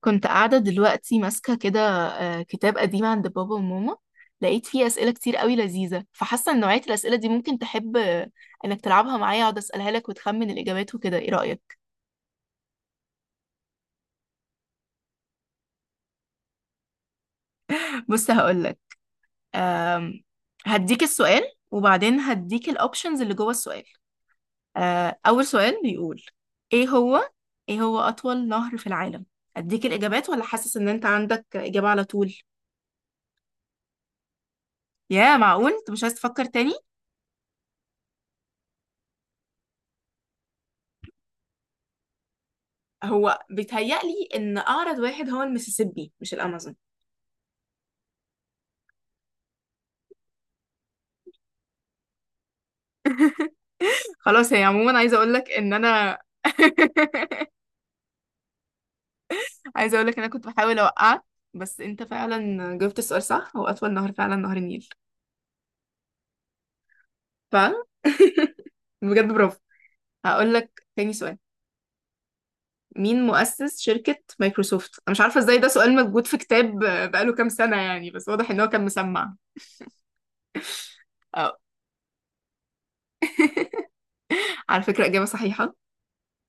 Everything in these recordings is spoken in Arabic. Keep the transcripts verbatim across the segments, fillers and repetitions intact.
كنت قاعدة دلوقتي ماسكة كده، آه، كتاب قديم عند بابا وماما. لقيت فيه أسئلة كتير قوي لذيذة، فحاسة إن نوعية الأسئلة دي ممكن تحب، آه، إنك تلعبها معايا. أقعد أسألها لك وتخمن الإجابات وكده، إيه رأيك؟ بص هقولك. آم، هديك السؤال وبعدين هديك الأوبشنز اللي جوه السؤال. آه، أول سؤال بيقول إيه هو، إيه هو أطول نهر في العالم؟ أديك الإجابات ولا حاسس إن أنت عندك إجابة على طول؟ يا معقول؟ أنت مش عايز تفكر تاني؟ هو بيتهيألي ان اعرض واحد هو المسيسيبي مش الامازون. خلاص، هي عموما عايزه اقول لك ان انا عايزه اقول لك ان انا كنت بحاول اوقعك، بس انت فعلا جاوبت السؤال صح. هو اطول نهر فعلا نهر النيل. ف بجد برافو. هقول لك تاني سؤال. مين مؤسس شركة مايكروسوفت؟ أنا مش عارفة إزاي ده سؤال موجود في كتاب بقاله كام سنة يعني، بس واضح إن هو كان مسمع. أه، على فكرة إجابة صحيحة.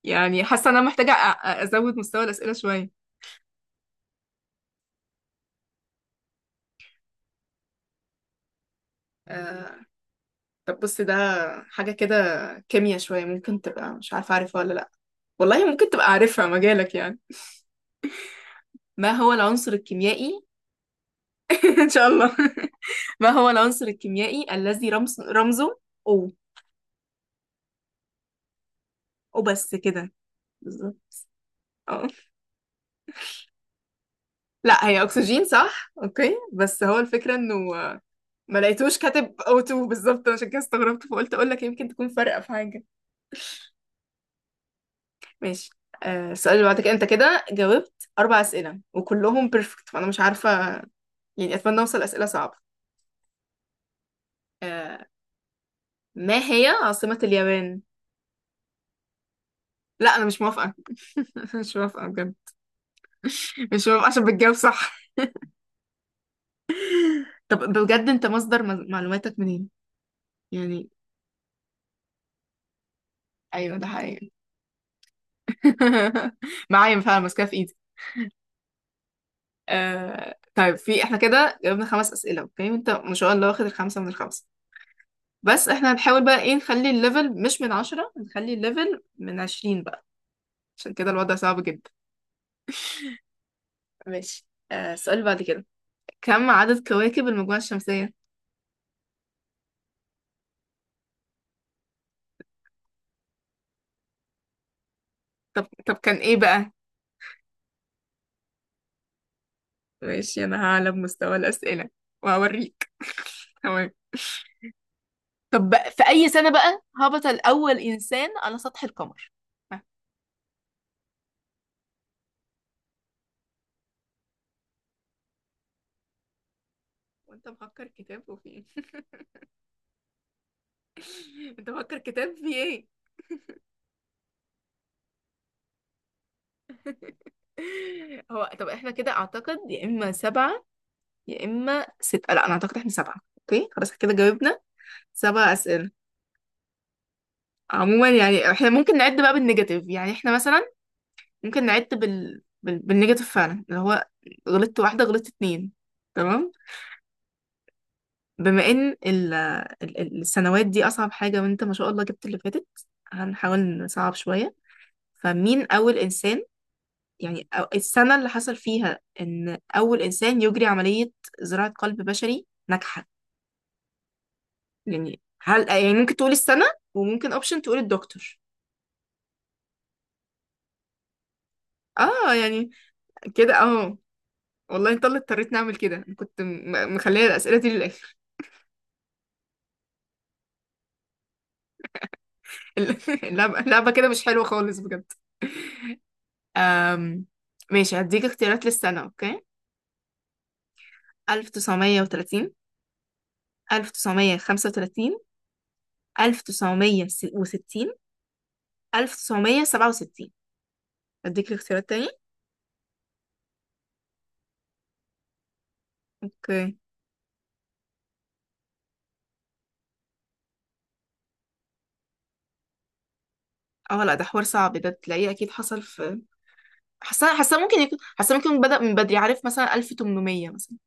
يعني حاسة إن أنا محتاجة أ- أ- أزود مستوى الأسئلة شوية. آه، طب بص ده حاجة كده، كيمياء شوية. ممكن تبقى مش عارفة، عارفها ولا لأ؟ والله ممكن تبقى عارفها، مجالك يعني. ما هو العنصر الكيميائي إن شاء الله. ما هو العنصر الكيميائي الذي رمز رمزه أو؟ أو بس كده؟ بالظبط. اه، لا هي أكسجين صح، أوكي، بس هو الفكرة إنه ما لقيتوش كاتب أو اتنين بالظبط، عشان كده استغربت، فقلت أقول لك يمكن تكون فارقة في حاجة. ماشي. آه، السؤال اللي بعدك، أنت كده جاوبت أربع أسئلة وكلهم بيرفكت، فأنا مش عارفة، يعني أتمنى أوصل أسئلة صعبة. آه، ما هي عاصمة اليابان؟ لا أنا مش موافقة. مش موافقة بجد. مش موافقة عشان بتجاوب صح. طب بجد أنت مصدر مز- معلوماتك منين؟ يعني أيوه ده حقيقي. معايا فعلا ماسكاها في إيدي. آه... طيب في احنا كده جاوبنا خمس أسئلة، أوكي، أنت ما شاء الله واخد الخمسة من الخمسة، بس احنا هنحاول بقى إيه، نخلي الليفل مش من عشرة، نخلي الليفل من عشرين بقى، عشان كده الوضع صعب جدا. ماشي، آه، السؤال اللي بعد كده، كم عدد كواكب المجموعة الشمسية؟ طب طب كان إيه بقى؟ ماشي، انا هعلى بمستوى الاسئله وهوريك. تمام. طب بقى، في أي سنة بقى هبط الأول إنسان على سطح القمر؟ ها، وانت مفكر كتاب وفي ايه؟ انت مفكر كتاب في ايه؟ هو طب احنا كده اعتقد يا اما سبعة يا اما ستة. لا انا اعتقد احنا سبعة، اوكي خلاص إحنا كده جاوبنا سبع اسئلة. عموما يعني احنا ممكن نعد بقى بالنيجاتيف، يعني احنا مثلا ممكن نعد بال... بال... بالنيجاتيف فعلا، اللي هو غلطت واحدة غلطت اتنين. تمام، بما ان ال- ال- السنوات دي اصعب حاجة، وانت ما شاء الله جبت اللي فاتت، هنحاول نصعب شوية. فمين اول انسان، يعني أو، السنة اللي حصل فيها ان اول انسان يجري عملية زراعة قلب بشري ناجحة. يعني هل، يعني ممكن تقول السنة، وممكن اوبشن تقول الدكتور. اه يعني كده اه. والله انت اللي اضطريت نعمل كده، أنا كنت م- مخليه الاسئلة دي للاخر. اللعبة اللعبة كده مش حلوة خالص بجد. أم... ماشي، هديك اختيارات للسنة، اوكي. ألف تسعمية وتلاتين، ألف تسعمية خمسة وتلاتين، ألف تسعمية وستين، ألف تسعمية سبعة وستين. أديك الاختيارات تاني؟ أوكي. اه لا ده حوار صعب، ده تلاقيه أكيد حصل في. حاسة حاسة ممكن يكون، حاسة ممكن يكون بدأ من بدري، عارف، مثلا ألف تمنمية مثلا.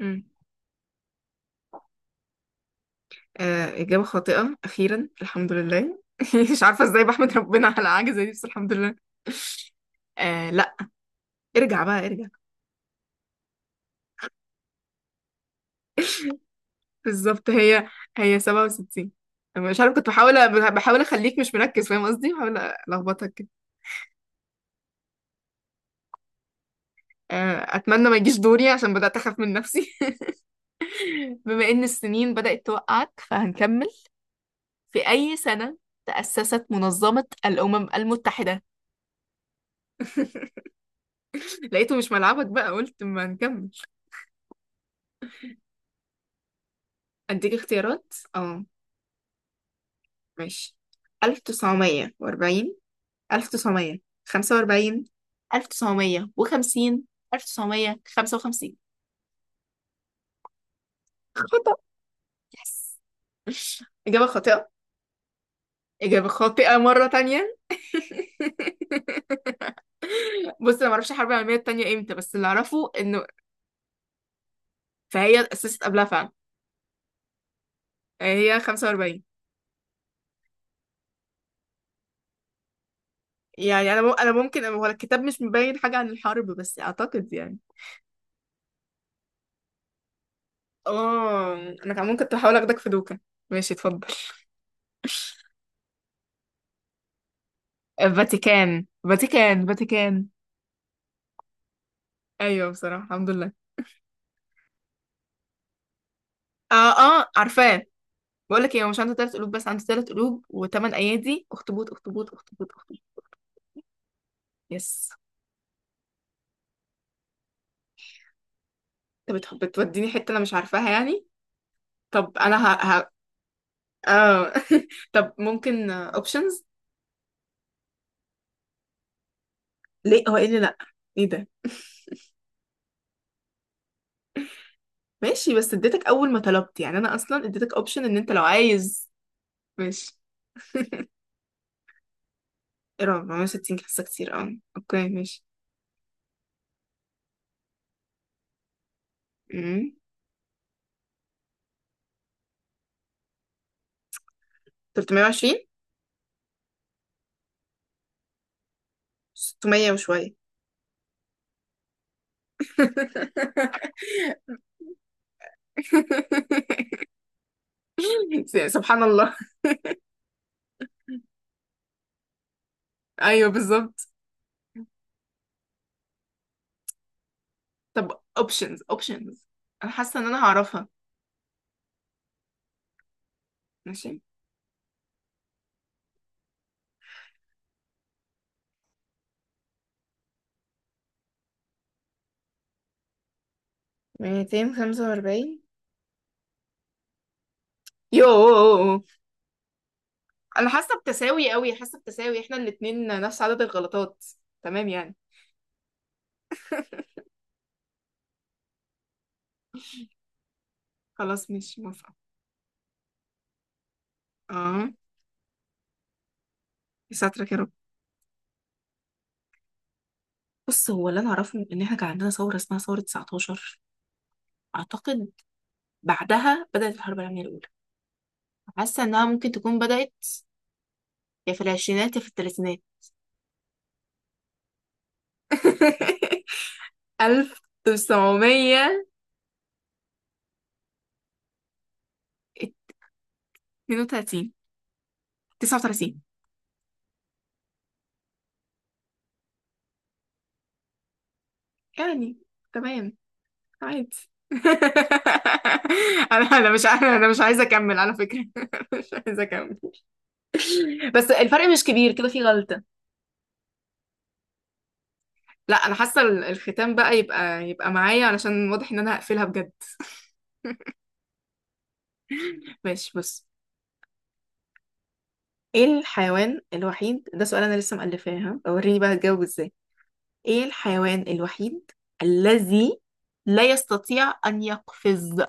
مم. آه إجابة خاطئة أخيرا الحمد لله. مش عارفة ازاي بحمد ربنا على حاجة زي دي، بس الحمد لله. آه لا، ارجع بقى ارجع. بالظبط، هي هي سبعة وستين. مش عارف، كنت بحاول بحاول اخليك مش مركز، فاهم قصدي، بحاول الخبطك كده. آه، اتمنى ما يجيش دوري عشان بدات اخاف من نفسي. بما ان السنين بدات توقعك فهنكمل. في اي سنه تاسست منظمه الامم المتحده؟ لقيته مش ملعبك بقى، قلت ما نكمل. اديك اختيارات، اه، ماشي. ألف تسعمية وأربعين، ألف تسعمية خمسة وأربعين، ألف تسعمية وخمسين، ألف تسعمية خمسة وخمسين. يس، إجابة خاطئة. إجابة خاطئة مرة تانية. بص، أنا معرفش الحرب العالمية التانية إمتى، بس اللي أعرفه إنه، فهي اتأسست قبلها فعلا، يعني هي خمسة وأربعين. يعني أنا مم... أنا ممكن، هو الكتاب مش مبين حاجة عن الحرب، بس أعتقد يعني. آه. أنا كان ممكن كنت بحاول أخدك في دوكا. ماشي، اتفضل. فاتيكان فاتيكان فاتيكان أيوه بصراحة الحمد لله. آه، آه عارفاه. بقول لك إيه، هو مش عنده تلات قلوب، بس عنده تلات قلوب وتمن أيادي. أخطبوط أخطبوط أخطبوط أخطبوط يس. انت بتح- بتوديني حتة انا مش عارفاها يعني. طب انا ه... ه... آه. طب ممكن اوبشنز؟ ليه؟ هو ايه اللي لا؟ ايه ده؟ ماشي، بس اديتك اول ما طلبت، يعني انا اصلا اديتك اوبشن ان انت لو عايز. ماشي. ايه رقم أربعمية وستين؟ حاسه كتير، اه اوكي ماشي. امم، تلتمية وعشرين، ستمية وشويه. سبحان الله. ايوه بالظبط. طب اوبشنز، اوبشنز، انا حاسه ان انا هعرفها. ماشي. ميتين خمسة وأربعين. يوه. أنا حاسة بتساوي قوي، حاسة بتساوي احنا الاتنين نفس عدد الغلطات. تمام يعني. خلاص ماشي موافقة. اه. يساترك يا رب. بص، هو اللي أنا أعرفه إن احنا كان عندنا ثورة اسمها ثورة تسعتاشر أعتقد، بعدها بدأت الحرب العالمية الأولى. حاسة إنها ممكن تكون بدأت، يا في العشرينات يا في الثلاثينات. ألف تسعمية اتنين وتلاتين، تسعة وتلاتين، يعني تمام. عادي. انا انا مش انا مش عايزه اكمل على فكره. مش عايزه اكمل. بس الفرق مش كبير كده في غلطه. لا انا حاسه ال- الختام بقى يبقى يبقى معايا، علشان واضح ان انا هقفلها بجد. ماشي بص، ايه الحيوان الوحيد، ده سؤال انا لسه مألفاها، وريني بقى هتجاوب ازاي. ايه الحيوان الوحيد الذي لا يستطيع ان يقفز؟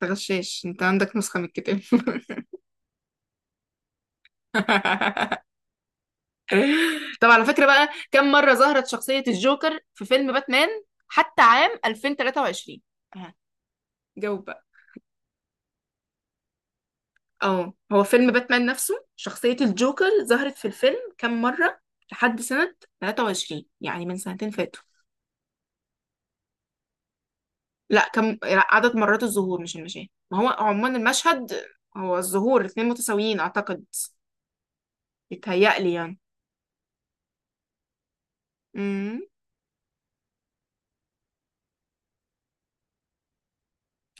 تغشاش؟ انت عندك نسخه من الكتاب؟ طب على فكرة بقى، كم مرة ظهرت شخصية الجوكر في فيلم باتمان حتى عام ألفين وتلاتة وعشرين؟ ها، جاوب بقى. اه، هو فيلم باتمان نفسه، شخصية الجوكر ظهرت في الفيلم كم مرة لحد سنة تلاتة وعشرين، يعني من سنتين فاتوا. لا كم، لا، عدد مرات الظهور مش المشاهد، ما هو عموما المشهد هو، الظهور اتنين متساويين اعتقد، بيتهيألي يعني. امم.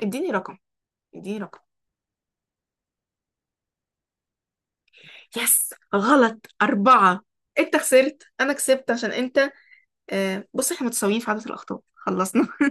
اديني رقم، اديني رقم. يس غلط، أربعة. انت خسرت، انا كسبت، عشان انت، آه، بص احنا متساويين في عدد الأخطاء. خلصنا.